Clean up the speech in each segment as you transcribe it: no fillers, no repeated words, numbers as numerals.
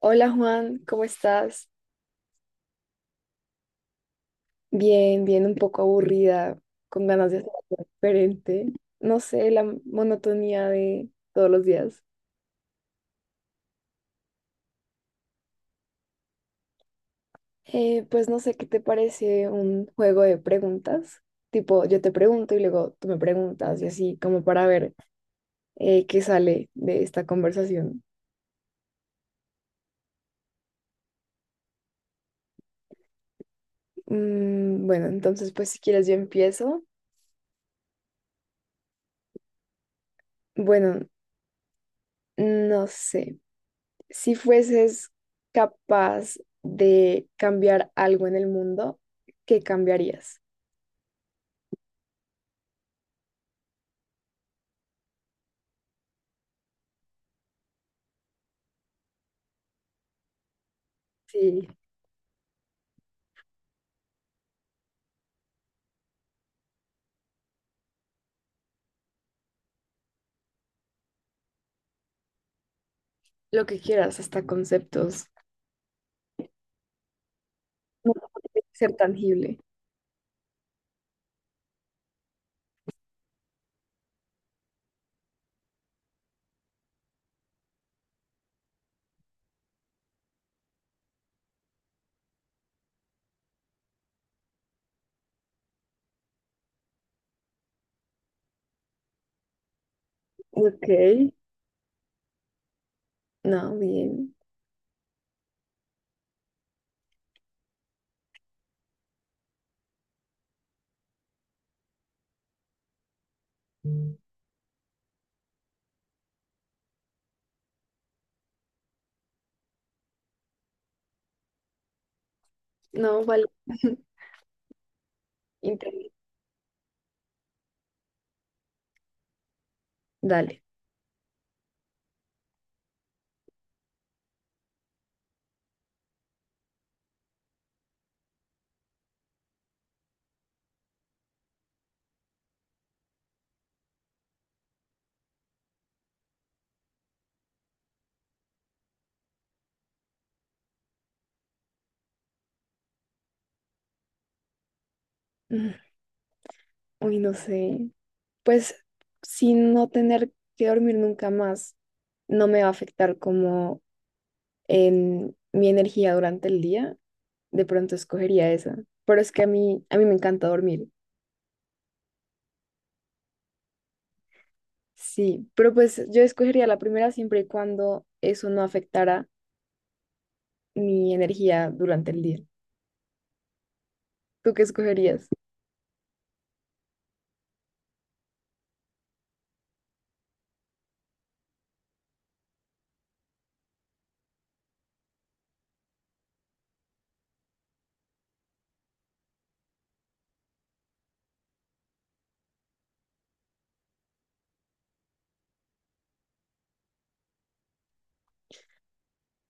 Hola Juan, ¿cómo estás? Bien, bien, un poco aburrida, con ganas de hacer algo diferente. No sé, la monotonía de todos los días. Pues no sé, ¿qué te parece un juego de preguntas? Tipo, yo te pregunto y luego tú me preguntas y así como para ver qué sale de esta conversación. Bueno, entonces pues si quieres yo empiezo. Bueno, no sé. Si fueses capaz de cambiar algo en el mundo, ¿qué cambiarías? Sí, lo que quieras, hasta conceptos. No tiene que ser tangible. Ok, no, bien. No, vale. Inter- Dale. Mm, Uy, no sé. Pues sin no tener que dormir nunca más, no me va a afectar como en mi energía durante el día. De pronto escogería esa. Pero es que a mí me encanta dormir. Sí, pero pues yo escogería la primera siempre y cuando eso no afectara mi energía durante el día. ¿Tú qué escogerías?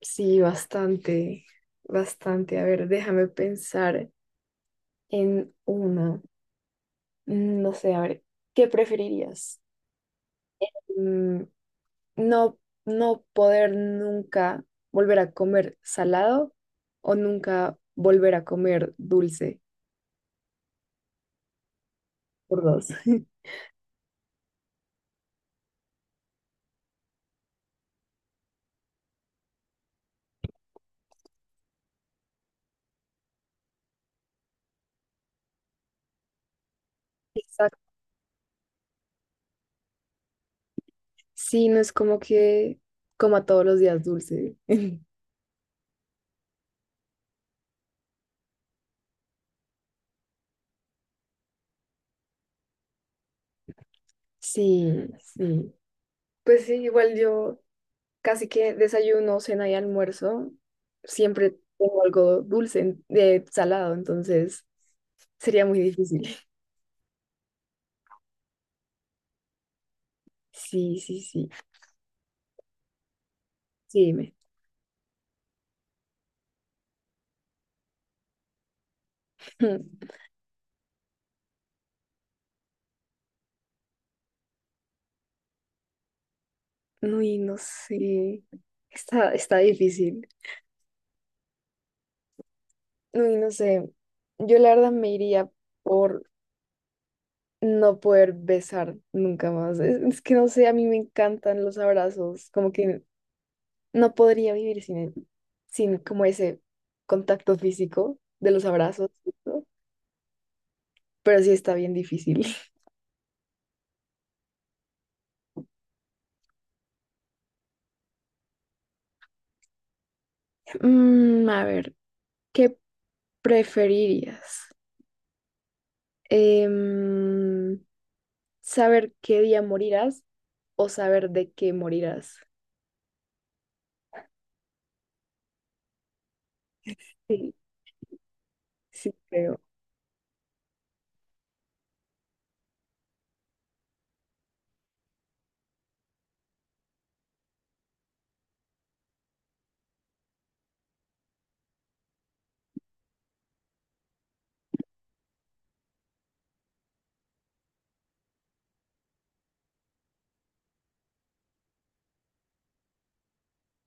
Sí, bastante, bastante. A ver, déjame pensar en una. No sé, a ver, ¿qué preferirías? Mm, no, no poder nunca volver a comer salado o nunca volver a comer dulce por dos. Exacto. Sí, no es como que coma todos los días dulce. Sí, sí. Pues sí, igual yo casi que desayuno, cena y almuerzo. Siempre tengo algo dulce, en- de salado, entonces sería muy difícil. Sí, sí, sí. Sí, dime. Uy, no sé. Está difícil. Uy, no sé. Yo la verdad me iría por no poder besar nunca más. Es que no sé, a mí me encantan los abrazos. Como que no podría vivir sin, él, sin como ese contacto físico de los abrazos, ¿no? Pero sí está bien difícil. A ver, ¿qué preferirías? Em, ¿Saber qué día morirás o saber de qué morirás? Sí, sí, creo.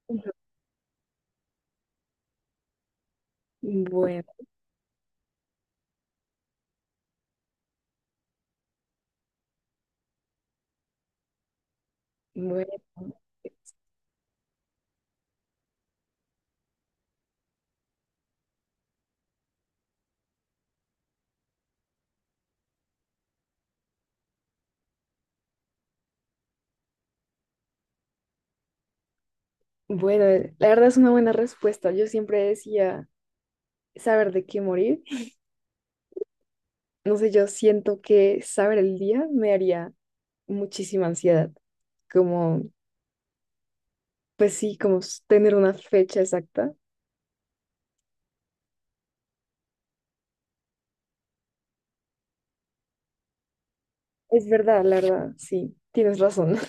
Ujú. Bueno, Bueno, bueno, la verdad es una buena respuesta. Yo siempre decía saber de qué morir. No sé, yo siento que saber el día me haría muchísima ansiedad, como, pues sí, como s- tener una fecha exacta. Es verdad, la verdad, sí, tienes razón.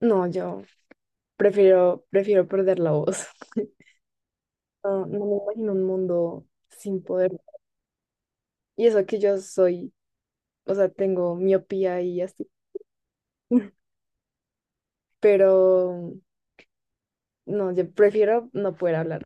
No, yo prefiero perder la voz. No, no me imagino un mundo sin poder. Y eso que yo soy, o sea, tengo miopía y así, pero no, yo prefiero no poder hablar.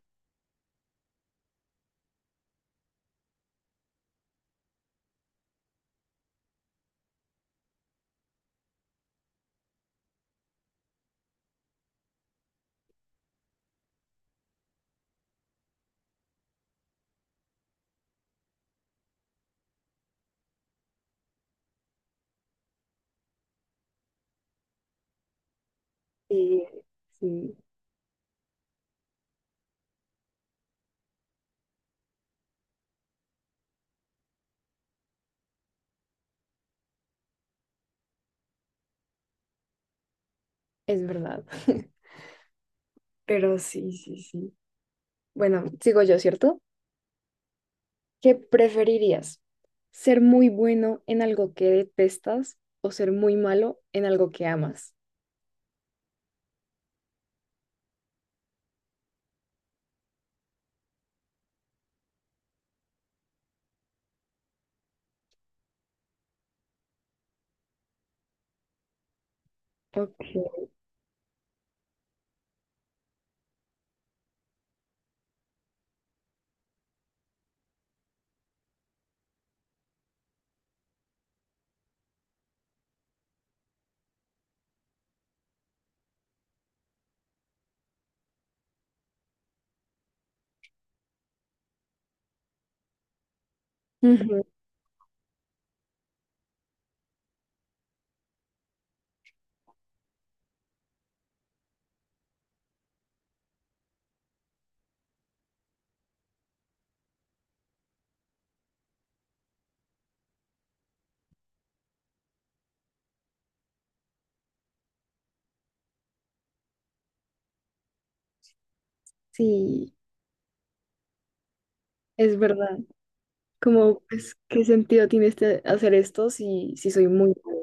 Sí, sí, es verdad. Pero sí, sí, sí. Bueno, sigo yo, ¿cierto? ¿Qué preferirías? ¿Ser muy bueno en algo que detestas o ser muy malo en algo que amas? Ok. Ujú, sí, es verdad. Como, pues, ¿qué sentido tiene este, hacer esto si, si soy muy malo?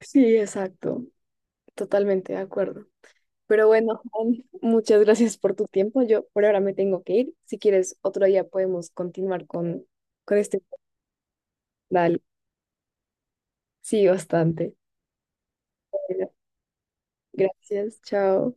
Sí, exacto. Totalmente de acuerdo. Pero bueno, Juan, muchas gracias por tu tiempo. Yo por ahora me tengo que ir. Si quieres, otro día podemos continuar con este. Dale. Sí, bastante. Bueno, gracias. Chao.